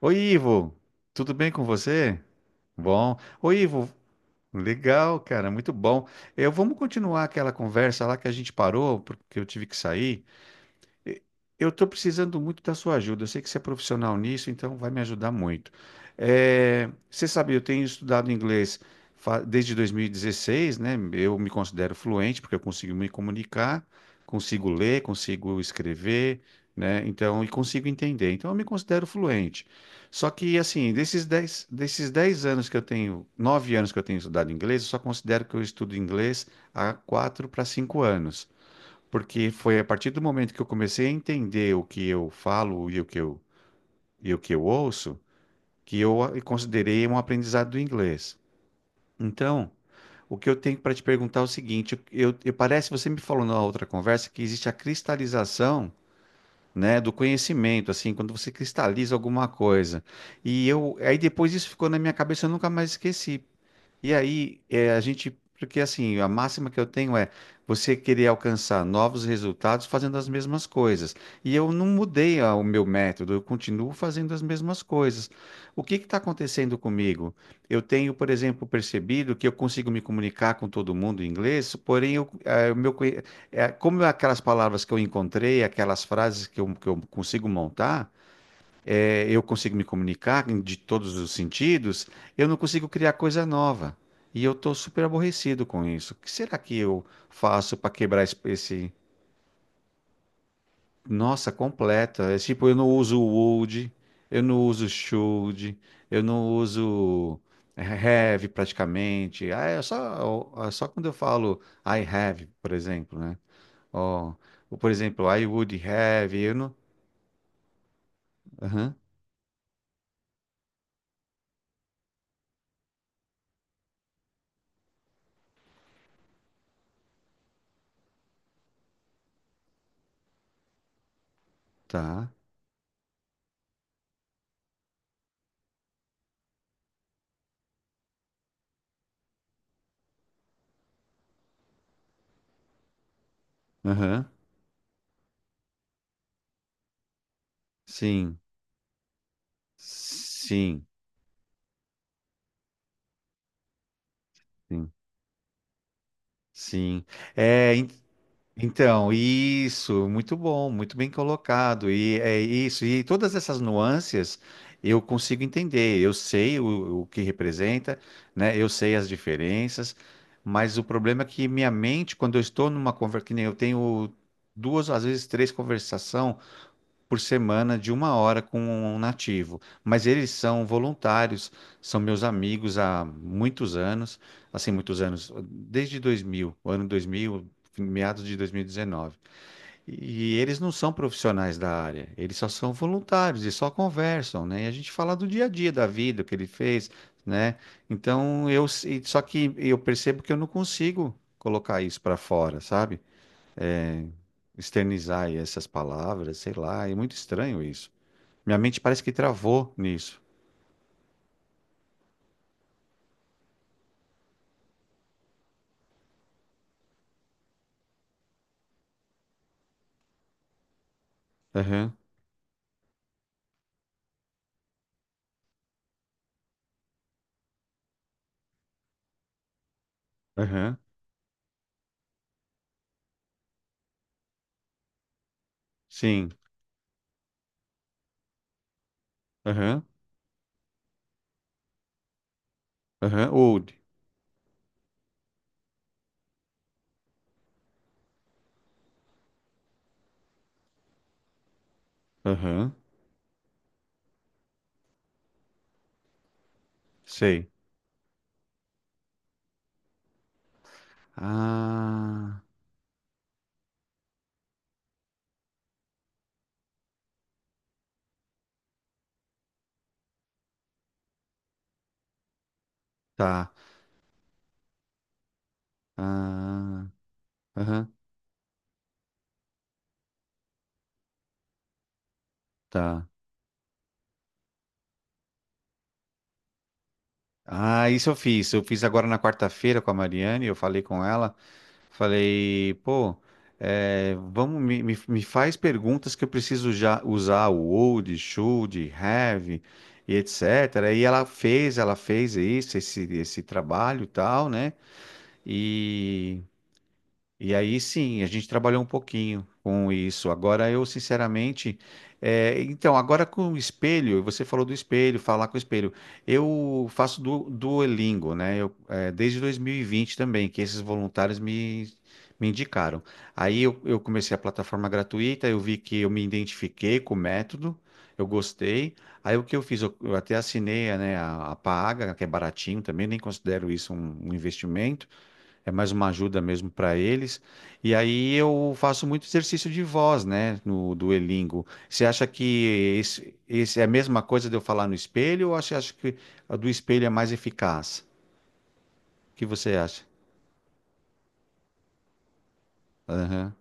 Oi, Ivo, tudo bem com você? Bom. Oi, Ivo, legal, cara, muito bom. Vamos continuar aquela conversa lá que a gente parou, porque eu tive que sair. Eu estou precisando muito da sua ajuda. Eu sei que você é profissional nisso, então vai me ajudar muito. Você sabe, eu tenho estudado inglês desde 2016, né? Eu me considero fluente porque eu consigo me comunicar, consigo ler, consigo escrever, né? Então, e consigo entender. Então, eu me considero fluente. Só que, assim, desses dez anos que eu tenho, 9 anos que eu tenho estudado inglês, eu só considero que eu estudo inglês há 4 para 5 anos. Porque foi a partir do momento que eu comecei a entender o que eu falo e e o que eu ouço, que eu considerei um aprendizado do inglês. Então, o que eu tenho para te perguntar é o seguinte, parece que você me falou na outra conversa que existe a cristalização, né, do conhecimento, assim, quando você cristaliza alguma coisa. E aí depois isso ficou na minha cabeça, eu nunca mais esqueci. E aí, porque assim, a máxima que eu tenho é você querer alcançar novos resultados fazendo as mesmas coisas. E eu não mudei o meu método, eu continuo fazendo as mesmas coisas. O que está acontecendo comigo? Eu tenho, por exemplo, percebido que eu consigo me comunicar com todo mundo em inglês, porém, eu, eh, o meu, conhe- eh, como aquelas palavras que eu encontrei, aquelas frases que eu consigo montar eu consigo me comunicar de todos os sentidos, eu não consigo criar coisa nova. E eu estou super aborrecido com isso. O que será que eu faço para quebrar nossa, completa. É tipo, eu não uso would, eu não uso should, eu não uso é, have praticamente. Ah, é só quando eu falo I have, por exemplo, né? Ó, ou, por exemplo, I would have, eu não... Aham, tá. Aham, sim, sim. Sim. Sim. É, então, isso, muito bom, muito bem colocado. E é isso, e todas essas nuances eu consigo entender. Eu sei o que representa, né? Eu sei as diferenças, mas o problema é que minha mente, quando eu estou numa conversa, que nem eu tenho duas, às vezes três conversações por semana de 1 hora com um nativo. Mas eles são voluntários, são meus amigos há muitos anos, assim, muitos anos, desde 2000, o ano 2000, meados de 2019. E dezenove. E eles não são profissionais da área, eles só são voluntários e só conversam, né? E a gente fala do dia a dia, da vida, o que ele fez, né? Então, só que eu percebo que eu não consigo colocar isso para fora, sabe? Externizar essas palavras, sei lá, é muito estranho isso. Minha mente parece que travou nisso. Aham, aham, sim. Aham, aham, old. Aham, sei. Ah, tá. Ah, aham, tá. Ah, isso eu fiz. Eu fiz agora na quarta-feira com a Mariane. Eu falei com ela. Falei, pô, vamos, me faz perguntas que eu preciso já usar o old, should, have e etc. E ela fez isso, esse trabalho e tal, né? E. E aí sim, a gente trabalhou um pouquinho com isso. Agora eu, sinceramente, então, agora com o espelho, você falou do espelho, falar com o espelho. Eu faço Duolingo, né? Desde 2020 também, que esses voluntários me indicaram. Aí eu comecei a plataforma gratuita, eu vi que eu me identifiquei com o método, eu gostei. Aí o que eu fiz? Eu até assinei, né, a paga, que é baratinho também, nem considero isso um investimento. É mais uma ajuda mesmo para eles. E aí eu faço muito exercício de voz, né, no Duolingo. Você acha que esse é a mesma coisa de eu falar no espelho ou você acha que a do espelho é mais eficaz? O que você acha? Aham,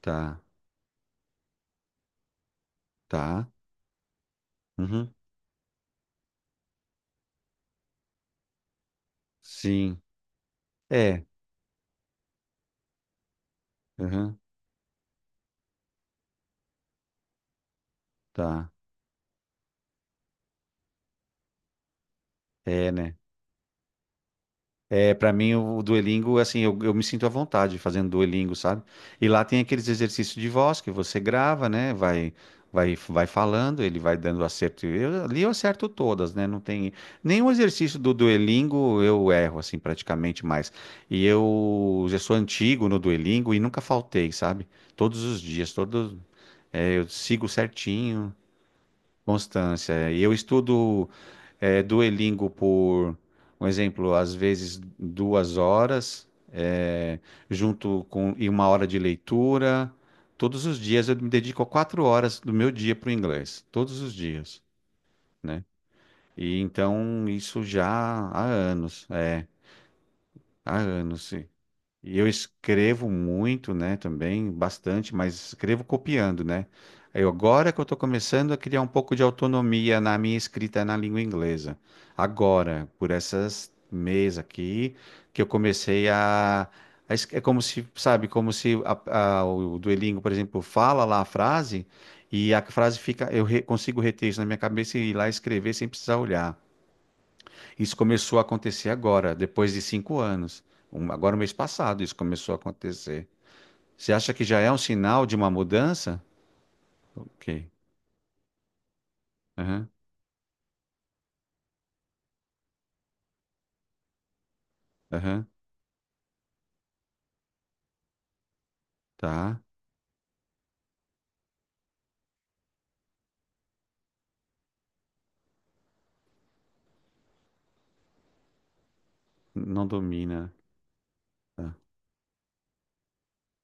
tá, tá. Uhum, sim. É, aham, tá. É, né? É, para mim, o Duolingo, assim, eu me sinto à vontade fazendo Duolingo, sabe? E lá tem aqueles exercícios de voz que você grava, né? Vai, vai, vai falando, ele vai dando acerto. Ali eu acerto todas, né? Não tem nenhum exercício do Duolingo eu erro, assim, praticamente mais. E eu já sou antigo no Duolingo e nunca faltei, sabe? Todos os dias, todos, eu sigo certinho, constância. E eu estudo. É, Duolingo um exemplo, às vezes 2 horas, junto com e 1 hora de leitura. Todos os dias eu me dedico 4 horas do meu dia para o inglês, todos os dias, né? E então isso já há anos, há anos. E eu escrevo muito, né, também, bastante, mas escrevo copiando, né? Eu, agora que eu estou começando a criar um pouco de autonomia na minha escrita na língua inglesa. Agora, por essas mês aqui, que eu comecei é como se, sabe, como se o Duolingo, por exemplo, fala lá a frase e a frase fica... Eu consigo reter isso na minha cabeça e ir lá escrever sem precisar olhar. Isso começou a acontecer agora, depois de 5 anos. Agora, mês passado, isso começou a acontecer. Você acha que já é um sinal de uma mudança? Ok. Aham, aham, tá. Não domina. Tá,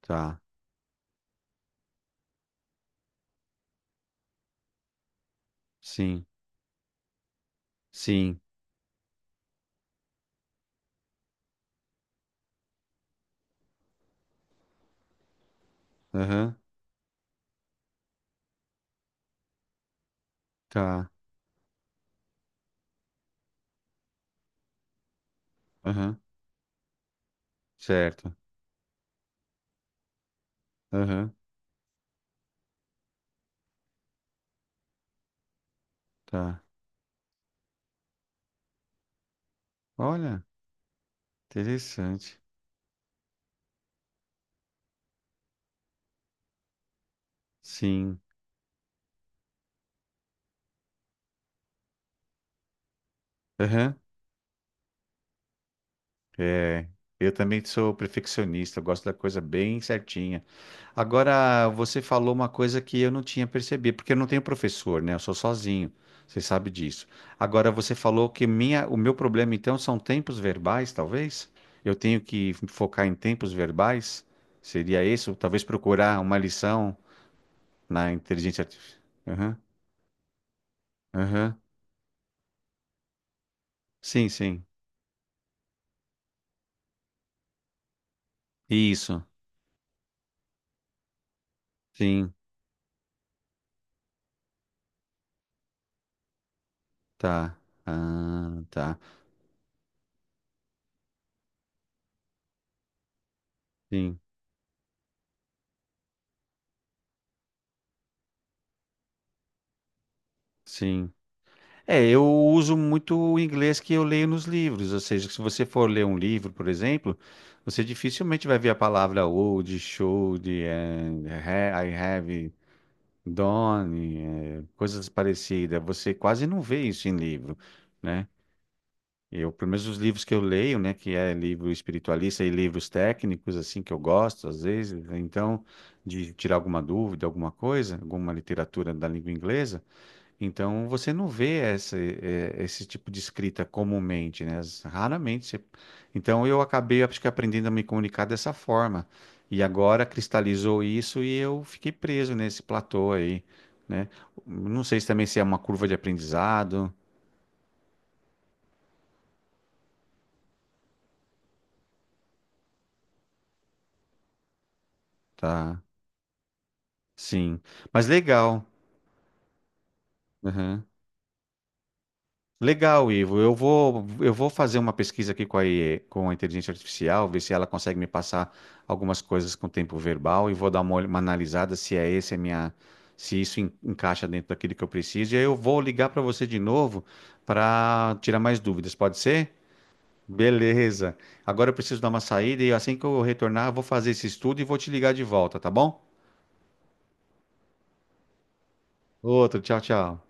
tá. Sim, sim. Aham, tá. Aham, certo. Aham, tá. Olha, interessante. Sim. Aham, é. Eu também sou perfeccionista, eu gosto da coisa bem certinha. Agora, você falou uma coisa que eu não tinha percebido, porque eu não tenho professor, né? Eu sou sozinho. Você sabe disso. Agora, você falou que o meu problema, então, são tempos verbais, talvez? Eu tenho que focar em tempos verbais? Seria isso? Talvez procurar uma lição na inteligência artificial. Aham, aham. Sim, sim. Isso. Sim, tá. Ah, tá. Sim, sim. É, eu uso muito o inglês que eu leio nos livros, ou seja, se você for ler um livro, por exemplo, você dificilmente vai ver a palavra old, should, and I have done, coisas parecidas. Você quase não vê isso em livro, né? Eu, pelo menos os livros que eu leio, né, que é livro espiritualista e livros técnicos, assim, que eu gosto, às vezes, então, de tirar alguma dúvida, alguma coisa, alguma literatura da língua inglesa, então você não vê esse tipo de escrita comumente, né? Raramente. Você- então eu acabei, acho que aprendendo a me comunicar dessa forma. E agora cristalizou isso e eu fiquei preso nesse platô aí, né? Não sei se também se é uma curva de aprendizado, tá? Sim. Mas legal. Legal, Ivo. Eu vou fazer uma pesquisa aqui IE com a inteligência artificial, ver se ela consegue me passar algumas coisas com tempo verbal e vou dar uma, uma analisada se é esse a minha, se isso encaixa dentro daquilo que eu preciso. E aí eu vou ligar para você de novo para tirar mais dúvidas. Pode ser? Beleza. Agora eu preciso dar uma saída e assim que eu retornar, eu vou fazer esse estudo e vou te ligar de volta, tá bom? Outro, tchau, tchau.